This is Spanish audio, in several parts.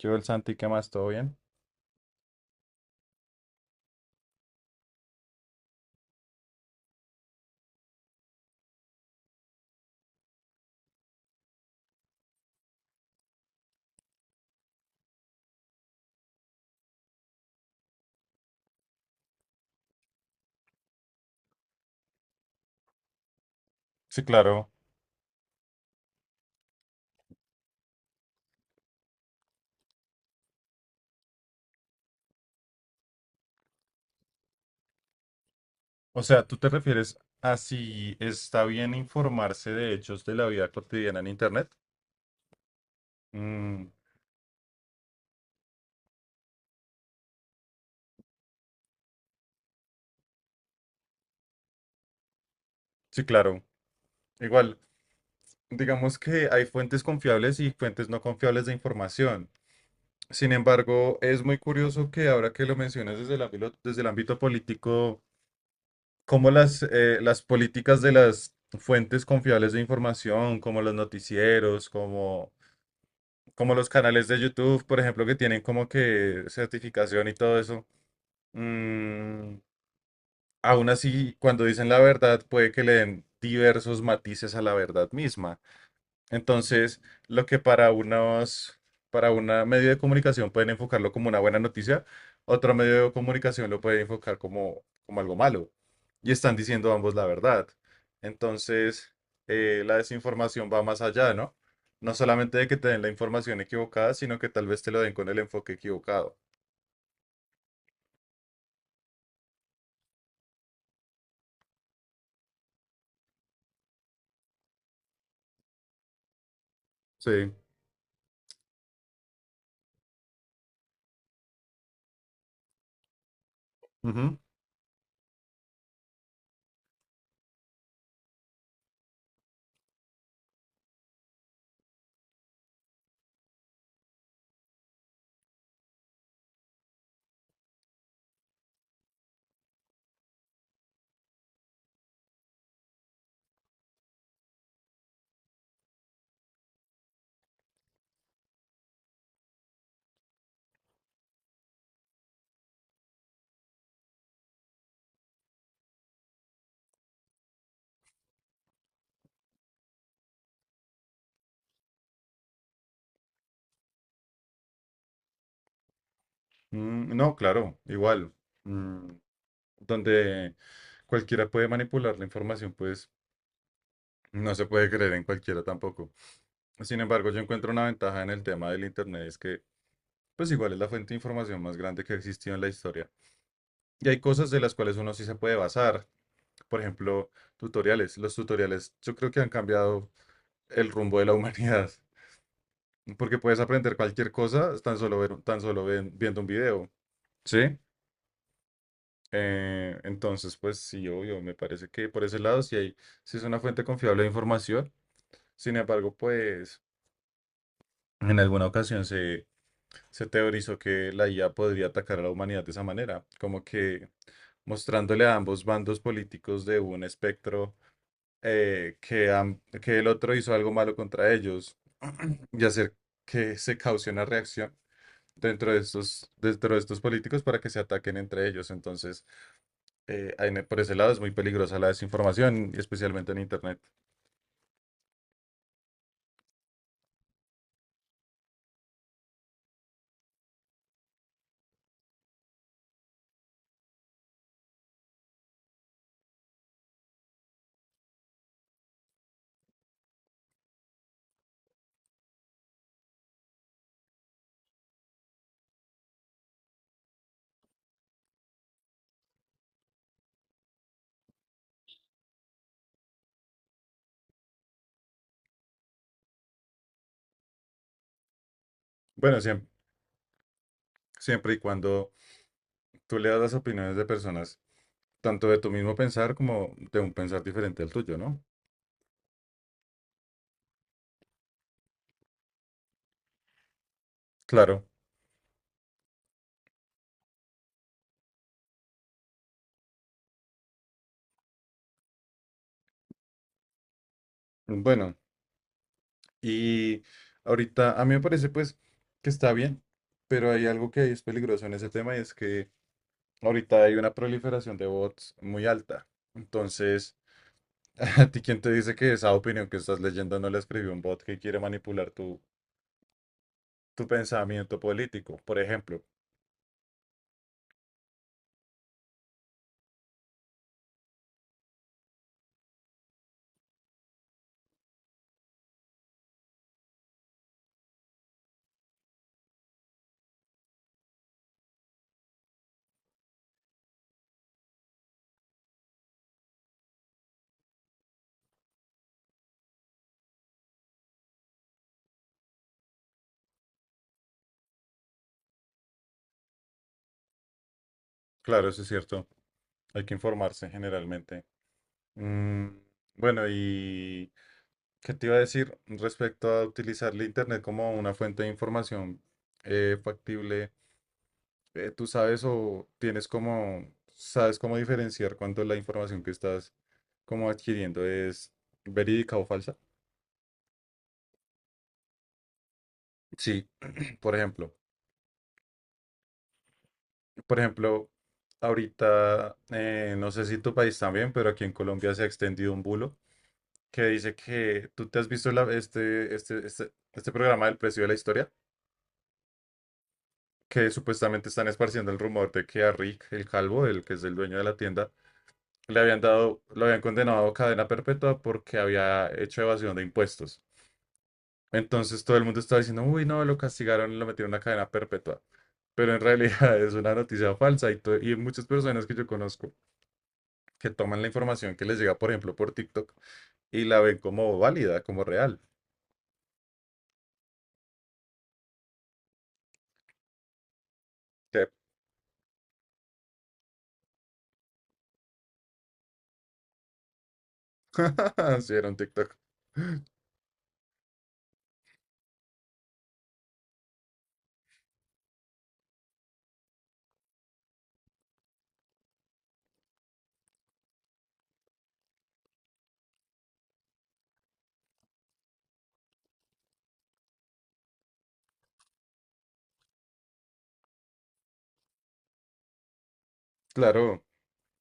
Yo, el Santi, ¿qué más? ¿Todo bien? Sí, claro. O sea, ¿tú te refieres a si está bien informarse de hechos de la vida cotidiana en Internet? Mm, sí, claro. Igual. Digamos que hay fuentes confiables y fuentes no confiables de información. Sin embargo, es muy curioso que ahora que lo mencionas desde el ámbito, político, cómo las políticas de las fuentes confiables de información, como los noticieros, como los canales de YouTube, por ejemplo, que tienen como que certificación y todo eso, mm, aún así, cuando dicen la verdad, puede que le den diversos matices a la verdad misma. Entonces, lo que para unos, para una medio de comunicación pueden enfocarlo como una buena noticia, otro medio de comunicación lo puede enfocar como algo malo. Y están diciendo ambos la verdad. Entonces, la desinformación va más allá, ¿no? No solamente de que te den la información equivocada, sino que tal vez te lo den con el enfoque equivocado. Sí. Ujú. Mm, no, claro, igual. Mm, donde cualquiera puede manipular la información, pues no se puede creer en cualquiera tampoco. Sin embargo, yo encuentro una ventaja en el tema del Internet, es que pues igual es la fuente de información más grande que ha existido en la historia. Y hay cosas de las cuales uno sí se puede basar. Por ejemplo, tutoriales. Los tutoriales yo creo que han cambiado el rumbo de la humanidad, porque puedes aprender cualquier cosa tan solo viendo un video. ¿Sí? Entonces, pues sí, obvio, me parece que por ese lado sí, sí es una fuente confiable de información. Sin embargo, pues en alguna ocasión se teorizó que la IA podría atacar a la humanidad de esa manera, como que mostrándole a ambos bandos políticos de un espectro que el otro hizo algo malo contra ellos y hacer que se cause una reacción dentro de estos políticos para que se ataquen entre ellos. Entonces, por ese lado es muy peligrosa la desinformación, y especialmente en Internet. Bueno, siempre y cuando tú leas las opiniones de personas, tanto de tu mismo pensar como de un pensar diferente al tuyo, ¿no? Claro. Bueno, y ahorita a mí me parece pues que está bien, pero hay algo que es peligroso en ese tema y es que ahorita hay una proliferación de bots muy alta. Entonces, ¿a ti quién te dice que esa opinión que estás leyendo no la escribió un bot que quiere manipular tu pensamiento político? Por ejemplo, claro, eso es cierto, hay que informarse generalmente. Mm, bueno, ¿qué te iba a decir respecto a utilizar la internet como una fuente de información factible? ¿Tú sabes o tienes como, sabes cómo diferenciar cuánto la información que estás como adquiriendo es verídica o falsa? Sí, por ejemplo, por ejemplo, ahorita, no sé si tu país también, pero aquí en Colombia se ha extendido un bulo que dice que tú te has visto este programa del precio de la historia. Que supuestamente están esparciendo el rumor de que a Rick, el calvo, el que es el dueño de la tienda, lo habían condenado a cadena perpetua porque había hecho evasión de impuestos. Entonces todo el mundo estaba diciendo, uy, no, lo castigaron, y lo metieron a cadena perpetua. Pero en realidad es una noticia falsa y muchas personas que yo conozco que toman la información que les llega, por ejemplo, por TikTok y la ven como válida, como real. Que, sí, era un TikTok. Claro,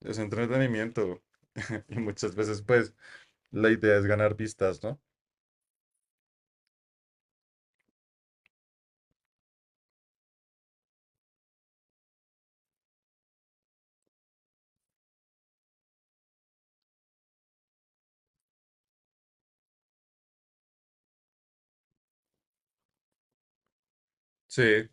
es entretenimiento. Y muchas veces, pues, la idea es ganar vistas, ¿no? Sí.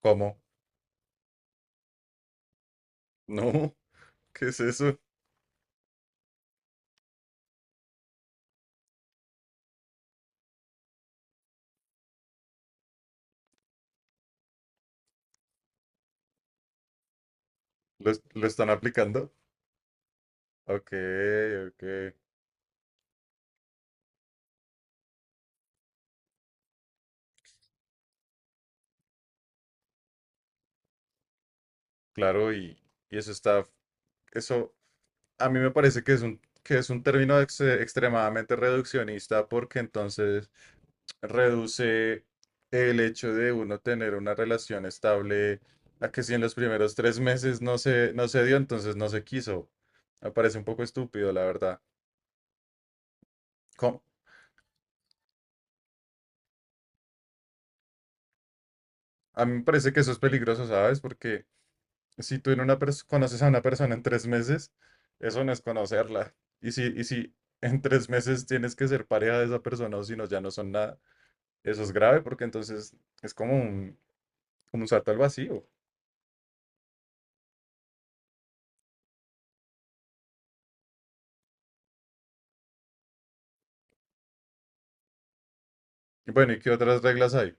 ¿Cómo? No, ¿qué es eso? ¿Lo están aplicando? Ok, ok. Claro, y eso a mí me parece que es que es un término extremadamente reduccionista porque entonces reduce el hecho de uno tener una relación estable a que si en los primeros 3 meses no se dio, entonces no se quiso. Me parece un poco estúpido, la verdad. ¿Cómo, A mí me parece que eso es peligroso, ¿sabes? Porque si tú en una conoces a una persona en 3 meses, eso no es conocerla. Y si en 3 meses tienes que ser pareja de esa persona o si no, ya no son nada, eso es grave porque entonces es como como un salto al vacío. Y bueno, ¿y qué otras reglas hay?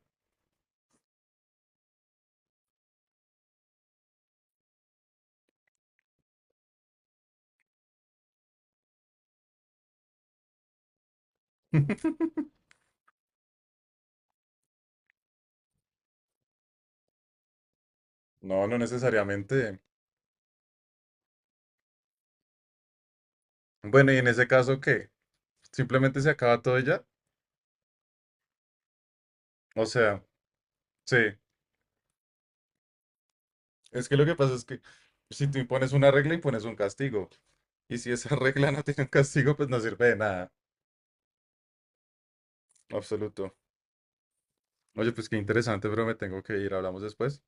No, no necesariamente. Bueno, ¿y en ese caso qué? ¿Simplemente se acaba todo y ya? O sea, sí. Es que lo que pasa es que si tú impones una regla, impones un castigo. Y si esa regla no tiene un castigo, pues no sirve de nada. Absoluto. Oye, pues qué interesante, pero me tengo que ir. Hablamos después.